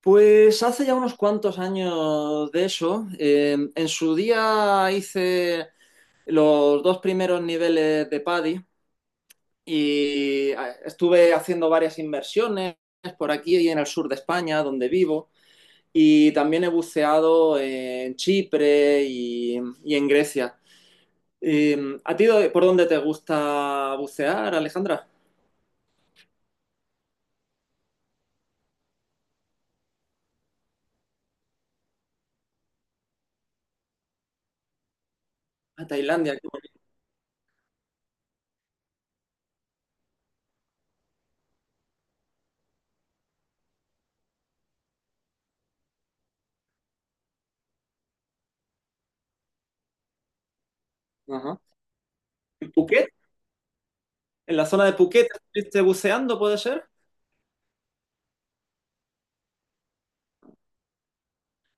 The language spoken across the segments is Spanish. Pues hace ya unos cuantos años de eso. En su día hice los dos primeros niveles de PADI y estuve haciendo varias inversiones por aquí y en el sur de España, donde vivo, y también he buceado en Chipre y en Grecia. ¿A ti por dónde te gusta bucear, Alejandra? A Tailandia, qué bonito. Ajá. ¿En Phuket? ¿En la zona de Phuket estuviste buceando, puede ser?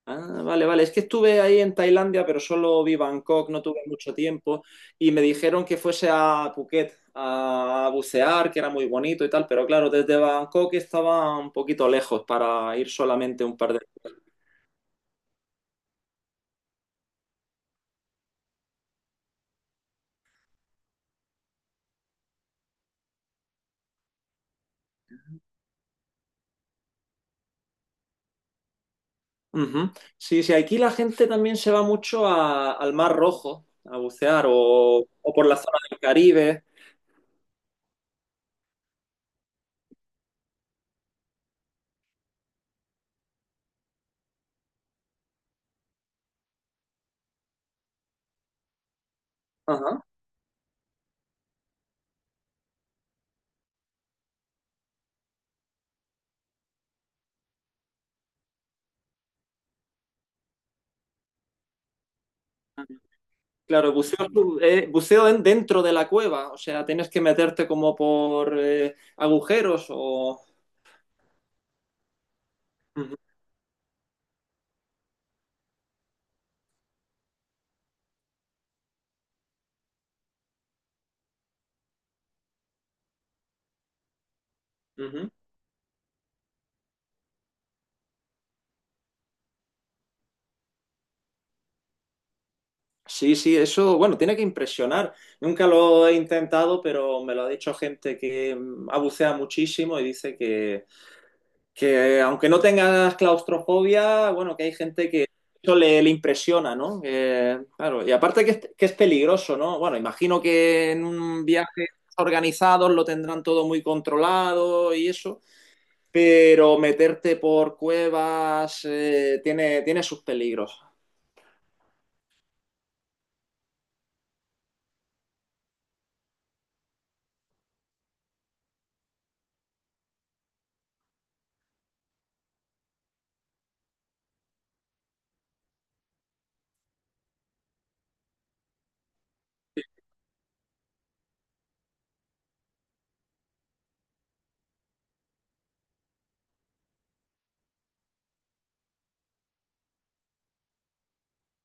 Ah, vale, vale. Es que estuve ahí en Tailandia, pero solo vi Bangkok, no tuve mucho tiempo. Y me dijeron que fuese a Phuket a bucear, que era muy bonito y tal, pero claro, desde Bangkok estaba un poquito lejos para ir solamente un par de. Ujú. Sí, sí, aquí la gente también se va mucho al Mar Rojo a bucear o por la zona del Caribe. Ajá. Claro, buceo dentro de la cueva, o sea, tienes que meterte como por agujeros o. Ujú. Sí, sí, eso, bueno, tiene que impresionar. Nunca lo he intentado, pero me lo ha dicho gente que ha buceado muchísimo y dice que aunque no tengas claustrofobia, bueno, que hay gente que eso le impresiona, ¿no? Que, claro, y aparte que es peligroso, ¿no? Bueno, imagino que en un viaje organizado lo tendrán todo muy controlado y eso, pero meterte por cuevas tiene sus peligros.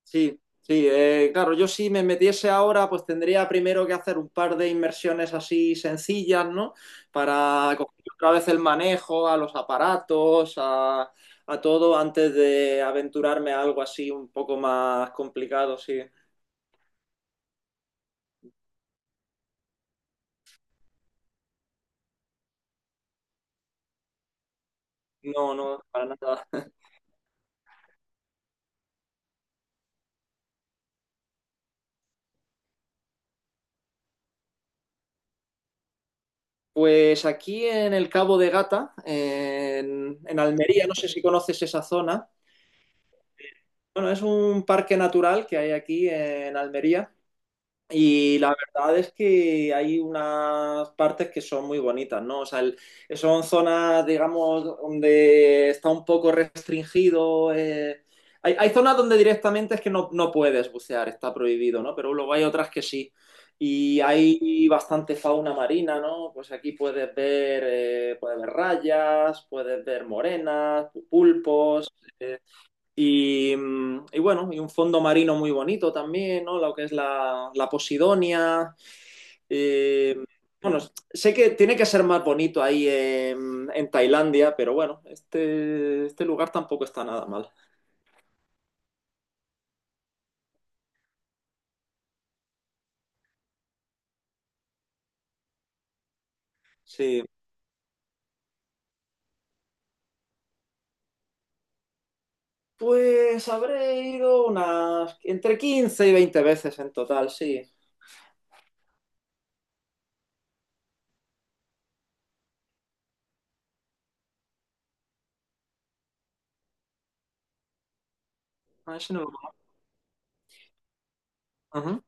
Sí, sí, claro, yo si me metiese ahora, pues tendría primero que hacer un par de inmersiones así sencillas, ¿no? Para coger otra vez el manejo a los aparatos, a todo, antes de aventurarme a algo así un poco más complicado, sí. No, no, para nada. Pues aquí en el Cabo de Gata, en, Almería, no sé si conoces esa zona. Bueno, es un parque natural que hay aquí en Almería. Y la verdad es que hay unas partes que son muy bonitas, ¿no? O sea, son zonas, digamos, donde está un poco restringido. Hay zonas donde directamente es que no puedes bucear, está prohibido, ¿no? Pero luego hay otras que sí. Y hay bastante fauna marina, ¿no? Pues aquí puedes ver rayas, puedes ver morenas, pulpos. eh, bueno, y un fondo marino muy bonito también, ¿no? Lo que es la Posidonia. Eh, bueno, sé que tiene que ser más bonito ahí en, Tailandia, pero bueno, este lugar tampoco está nada mal. Sí. Pues habré ido unas entre 15 y 20 veces en total, sí. A ese no- Ajá.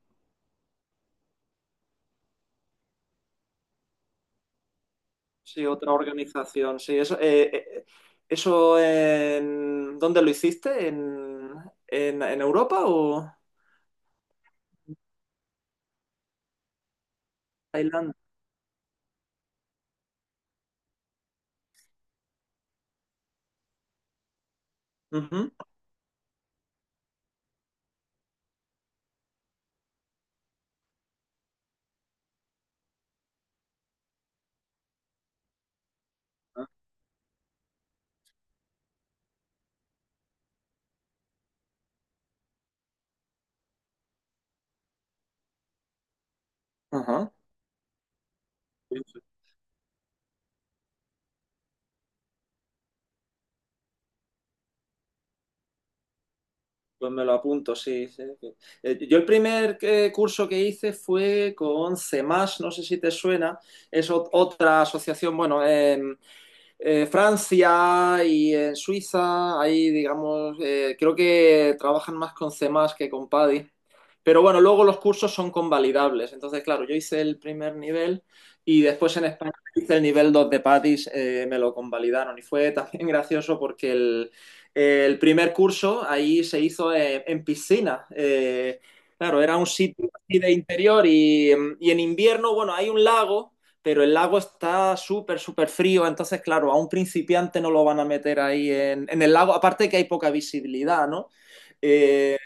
Sí, otra organización, sí. Eso. ¿Dónde lo hiciste? ¿En Europa o? Tailandia. Ujú. Ajá. Pues pues me lo apunto, sí. Sí. Sí. Yo el primer curso que hice fue con CEMAS, no sé si te suena, es otra asociación, bueno, Francia y en Suiza, ahí digamos, creo que trabajan más con C++ más que con PADI. Pero bueno, luego los cursos son convalidables. Entonces, claro, yo hice el primer nivel y después en España hice el nivel 2 de PADIS, me lo convalidaron. Y fue también gracioso porque el primer curso ahí se hizo en, piscina. Claro, era un sitio así de interior y en invierno, bueno, hay un lago pero el lago está súper, súper frío, entonces, claro, a un principiante no lo van a meter ahí en el lago, aparte que hay poca visibilidad, ¿no? Eh,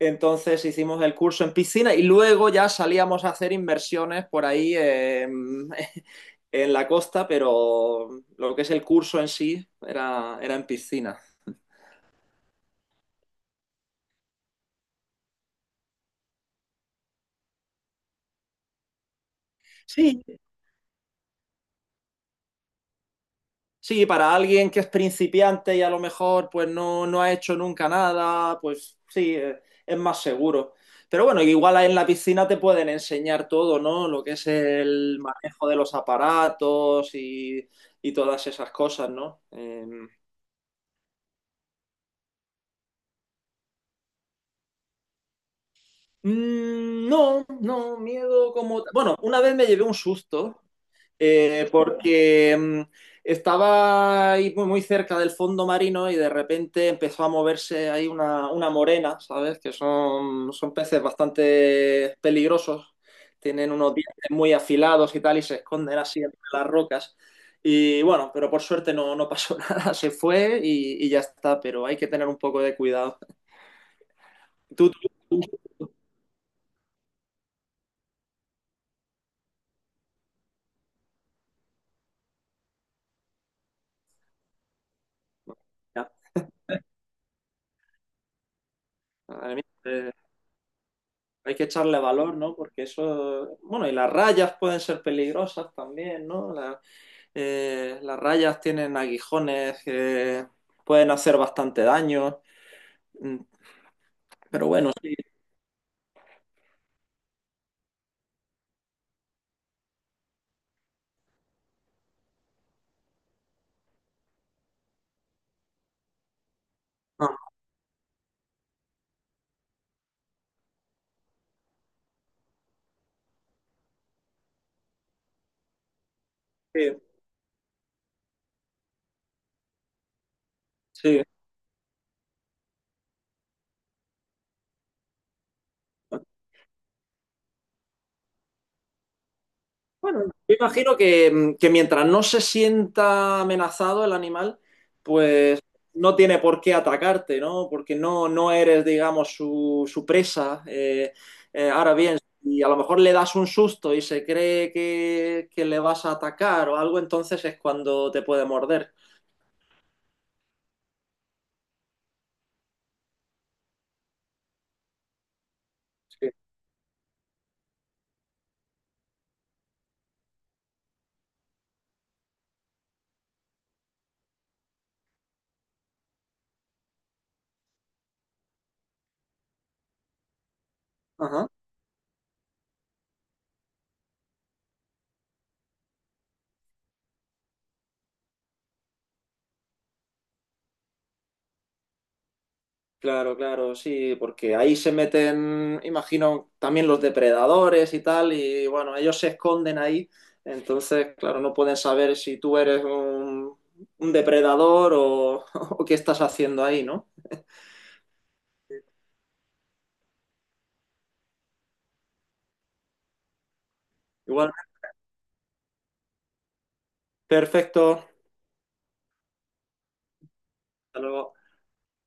entonces hicimos el curso en piscina y luego ya salíamos a hacer inversiones por ahí en la costa, pero lo que es el curso en sí era en piscina. Sí, sí, para alguien que es principiante y a lo mejor pues no ha hecho nunca nada, pues sí, es más seguro. Pero bueno, igual ahí en la piscina te pueden enseñar todo, ¿no? Lo que es el manejo de los aparatos y todas esas cosas, ¿no? Mm. No, no, miedo como. Bueno, una vez me llevé un susto porque estaba ahí muy, muy cerca del fondo marino y de repente empezó a moverse ahí una morena, ¿sabes? Que son peces bastante peligrosos, tienen unos dientes muy afilados y tal y se esconden así entre las rocas. Y bueno, pero por suerte no pasó nada, se fue y ya está, pero hay que tener un poco de cuidado. Tú, tú- tú- ya. Madre mía, hay que echarle valor, ¿no? Porque eso, bueno, y las rayas pueden ser peligrosas también, ¿no? Las rayas tienen aguijones, que pueden hacer bastante daño. Mm. Pero bueno, ah, sí, sí. Bueno, yo imagino que mientras no se sienta amenazado el animal, pues no tiene por qué atacarte, ¿no? Porque no eres, digamos, su presa. Ahora bien, si a lo mejor le das un susto y se cree que le vas a atacar o algo, entonces es cuando te puede morder. Sí. Ajá. Claro, claro, sí, porque ahí se meten, imagino, también los depredadores y tal, y bueno, ellos se esconden ahí, entonces, claro, no pueden saber si tú eres un depredador o, o qué estás haciendo ahí, ¿no? Igual, perfecto. Hasta luego.